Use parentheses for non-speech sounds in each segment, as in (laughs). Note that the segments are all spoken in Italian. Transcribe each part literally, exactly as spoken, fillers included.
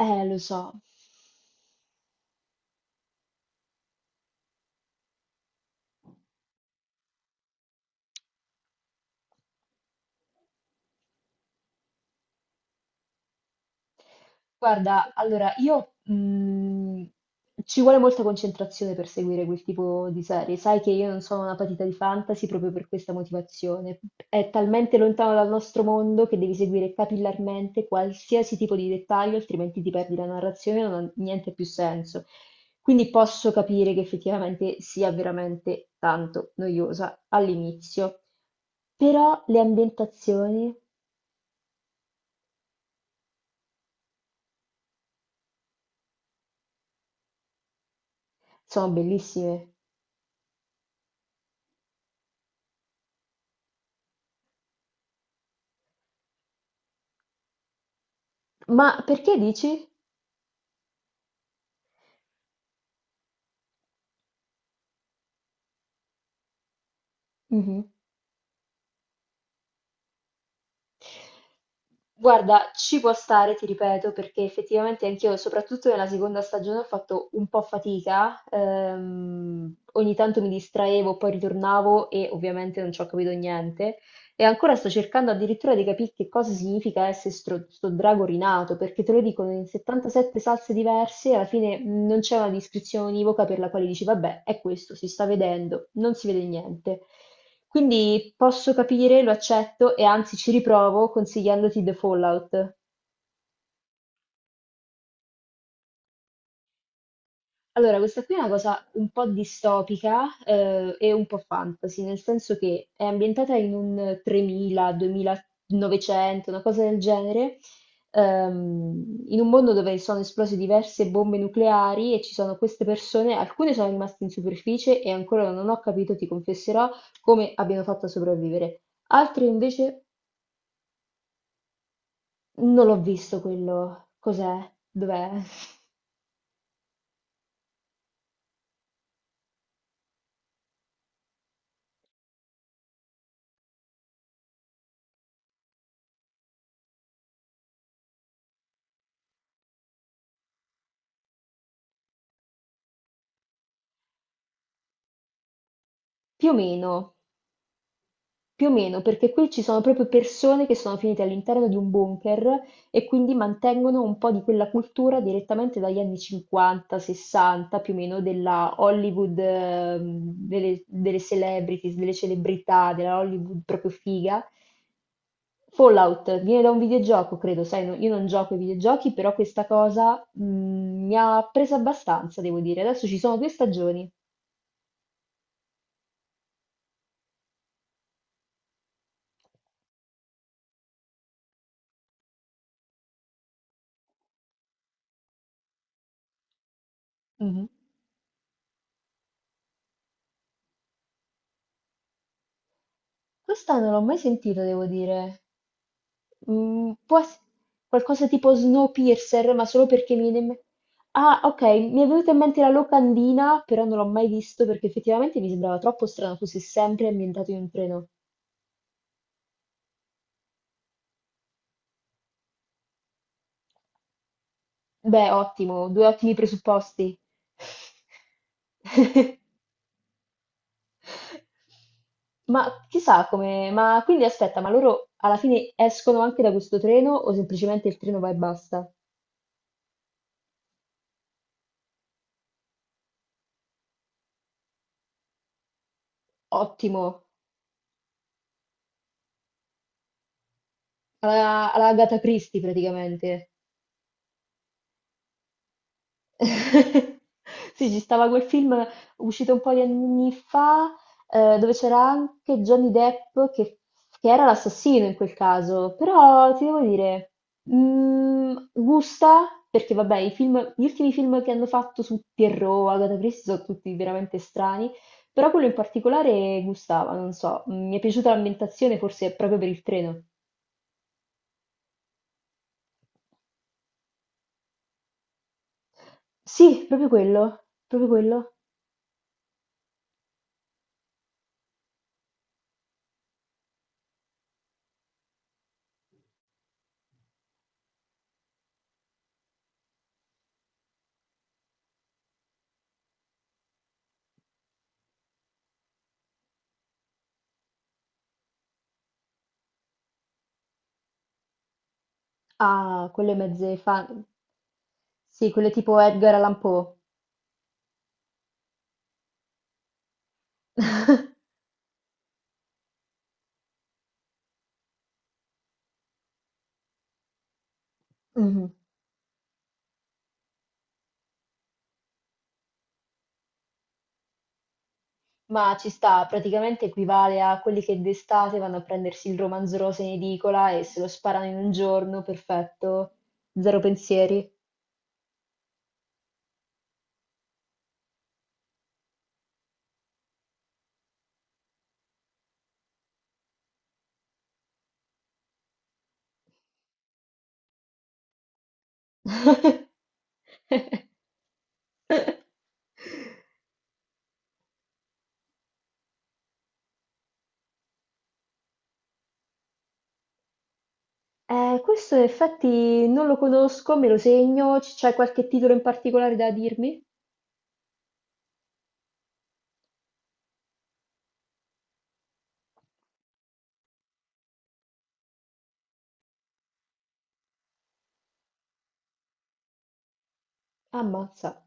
Eh, lo so. Guarda, allora io mh, ci vuole molta concentrazione per seguire quel tipo di serie. Sai che io non sono una patita di fantasy proprio per questa motivazione. È talmente lontano dal nostro mondo che devi seguire capillarmente qualsiasi tipo di dettaglio, altrimenti ti perdi la narrazione e non ha niente più senso. Quindi posso capire che effettivamente sia veramente tanto noiosa all'inizio. Però le ambientazioni sono bellissime. Ma perché dici? Mhm. Guarda, ci può stare, ti ripeto, perché effettivamente anch'io, soprattutto nella seconda stagione, ho fatto un po' fatica. Ehm, ogni tanto mi distraevo, poi ritornavo e ovviamente non ci ho capito niente. E ancora sto cercando addirittura di capire che cosa significa essere stro- sto drago rinato, perché te lo dicono in settantasette salse diverse, e alla fine mh, non c'è una descrizione univoca per la quale dici, vabbè, è questo, si sta vedendo, non si vede niente. Quindi posso capire, lo accetto e anzi ci riprovo consigliandoti The Fallout. Allora, questa qui è una cosa un po' distopica, eh, e un po' fantasy, nel senso che è ambientata in un tremila, duemilanovecento, una cosa del genere, ehm, in un mondo dove sono esplose diverse bombe nucleari e ci sono queste persone, alcune sono rimaste in superficie e ancora non ho capito, ti confesserò, come abbiano fatto a sopravvivere. Altre invece non l'ho visto quello, cos'è, dov'è? (laughs) Più o meno. Più o meno, perché qui ci sono proprio persone che sono finite all'interno di un bunker e quindi mantengono un po' di quella cultura direttamente dagli anni cinquanta, sessanta, più o meno della Hollywood, ehm, delle, delle celebrities, delle celebrità, della Hollywood proprio figa. Fallout viene da un videogioco, credo, sai, no- io non gioco ai videogiochi, però questa cosa mh, mi ha presa abbastanza, devo dire. Adesso ci sono due stagioni. Mhm. Questa non l'ho mai sentita, devo dire. Mm, può ess- qualcosa tipo Snowpiercer, ma solo perché mi viene in me- Ah, ok, mi è venuta in mente la locandina, però non l'ho mai visto perché effettivamente mi sembrava troppo strano fosse sempre ambientato in un treno. Beh, ottimo, due ottimi presupposti. (laughs) Ma chissà come... Ma quindi aspetta, ma loro alla fine escono anche da questo treno o semplicemente il treno va e basta? Ottimo, alla, alla Agatha Christie praticamente. (laughs) Sì, ci stava quel film uscito un po' di anni fa, eh, dove c'era anche Johnny Depp che, che era l'assassino in quel caso, però ti devo dire, mm, gusta, perché vabbè, i film- gli ultimi film che hanno fatto su Pierrot, Agatha Christie, sono tutti veramente strani, però quello in particolare gustava, non so, mm, mi è piaciuta l'ambientazione forse proprio per il treno. Sì, proprio quello, proprio quello. Ah, quelle mezze fa- sì, quelle tipo Edgar Allan Poe. (laughs) Mhm. Ma ci sta, praticamente equivale a quelli che d'estate vanno a prendersi il romanzo rosa in edicola e se lo sparano in un giorno, perfetto, zero pensieri. (laughs) Eh, questo in effetti non lo conosco, me lo segno, c- c'è qualche titolo in particolare da dirmi? Ammazza.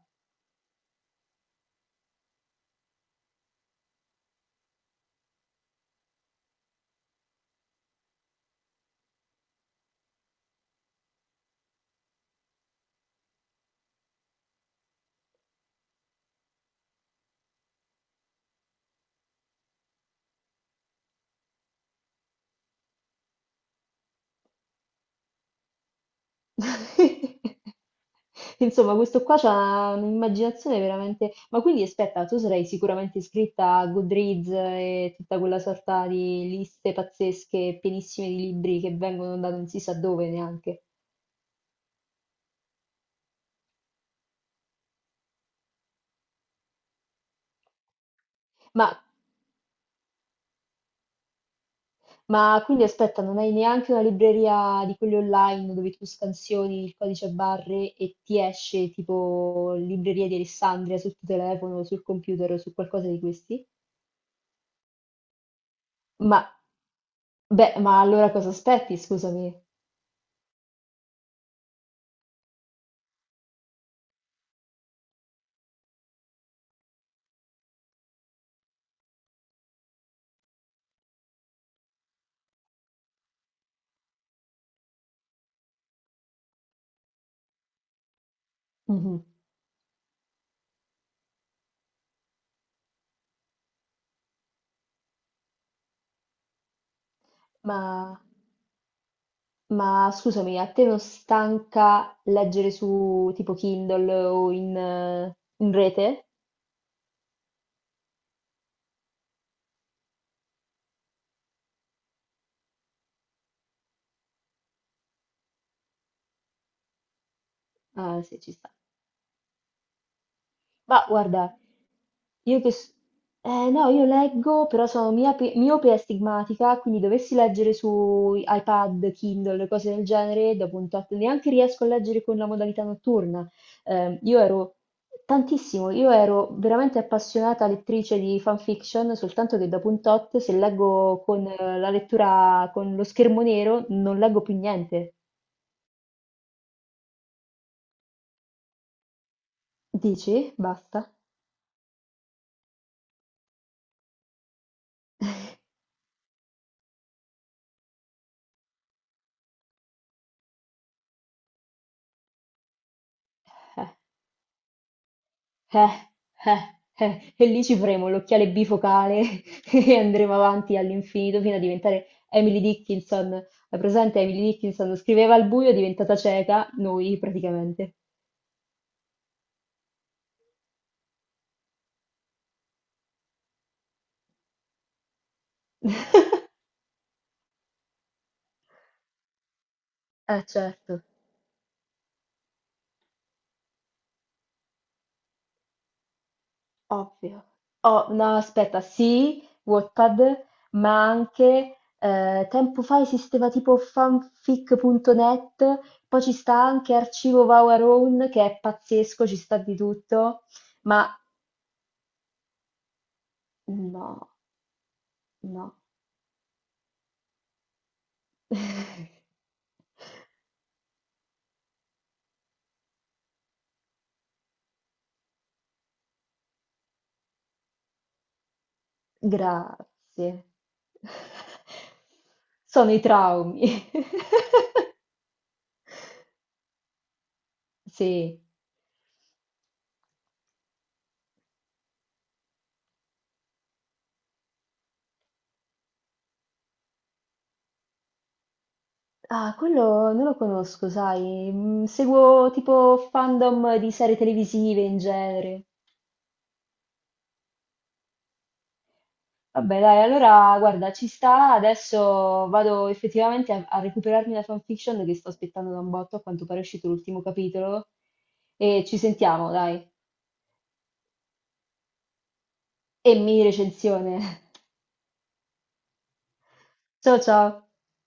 (laughs) Insomma, questo qua c'ha un'immaginazione veramente... Ma quindi aspetta, tu sarai sicuramente iscritta a Goodreads e tutta quella sorta di liste pazzesche, pienissime di libri che vengono da non si sa dove neanche. Ma, ma quindi aspetta, non hai neanche una libreria di quelli online dove tu scansioni il codice a barre e ti esce tipo Libreria di Alessandria sul tuo telefono, sul computer o su qualcosa di questi? Ma, beh, ma allora cosa aspetti, scusami? Mhm. Ma, ma scusami, a te non stanca leggere su tipo Kindle o in, eh, in rete? Ah, sì, ci sta. Ma guarda, io che... s- eh, no, io leggo, però sono miape- miope, e astigmatica, quindi dovessi leggere su iPad, Kindle, cose del genere, dopo un tot neanche riesco a leggere con la modalità notturna. Eh, io ero tantissimo, io ero veramente appassionata lettrice di fanfiction, soltanto che dopo un tot, se leggo con eh, la lettura con lo schermo nero, non leggo più niente. Dici? Basta. (laughs) Eh, eh, eh, e lì ci faremo l'occhiale bifocale (laughs) e andremo avanti all'infinito fino a diventare Emily Dickinson. La presente Emily Dickinson scriveva al buio, è diventata cieca, noi praticamente. (laughs) Eh, certo, ovvio. Oh, no, aspetta, sì, Wattpad, ma anche eh, tempo fa esisteva tipo fanfic punto net, poi ci sta anche Archivo of Our Own, che è pazzesco, ci sta di tutto, ma no. No. (laughs) Grazie. Sono i traumi. (laughs) Sì. Ah, quello non lo conosco, sai. Mm, Seguo tipo fandom di serie televisive in genere. Vabbè, dai, allora guarda, ci sta. Adesso vado effettivamente a, a recuperarmi la fanfiction che sto aspettando da un botto. A quanto pare è uscito l'ultimo capitolo. E ci sentiamo, dai. E mini recensione. (laughs) Ciao ciao.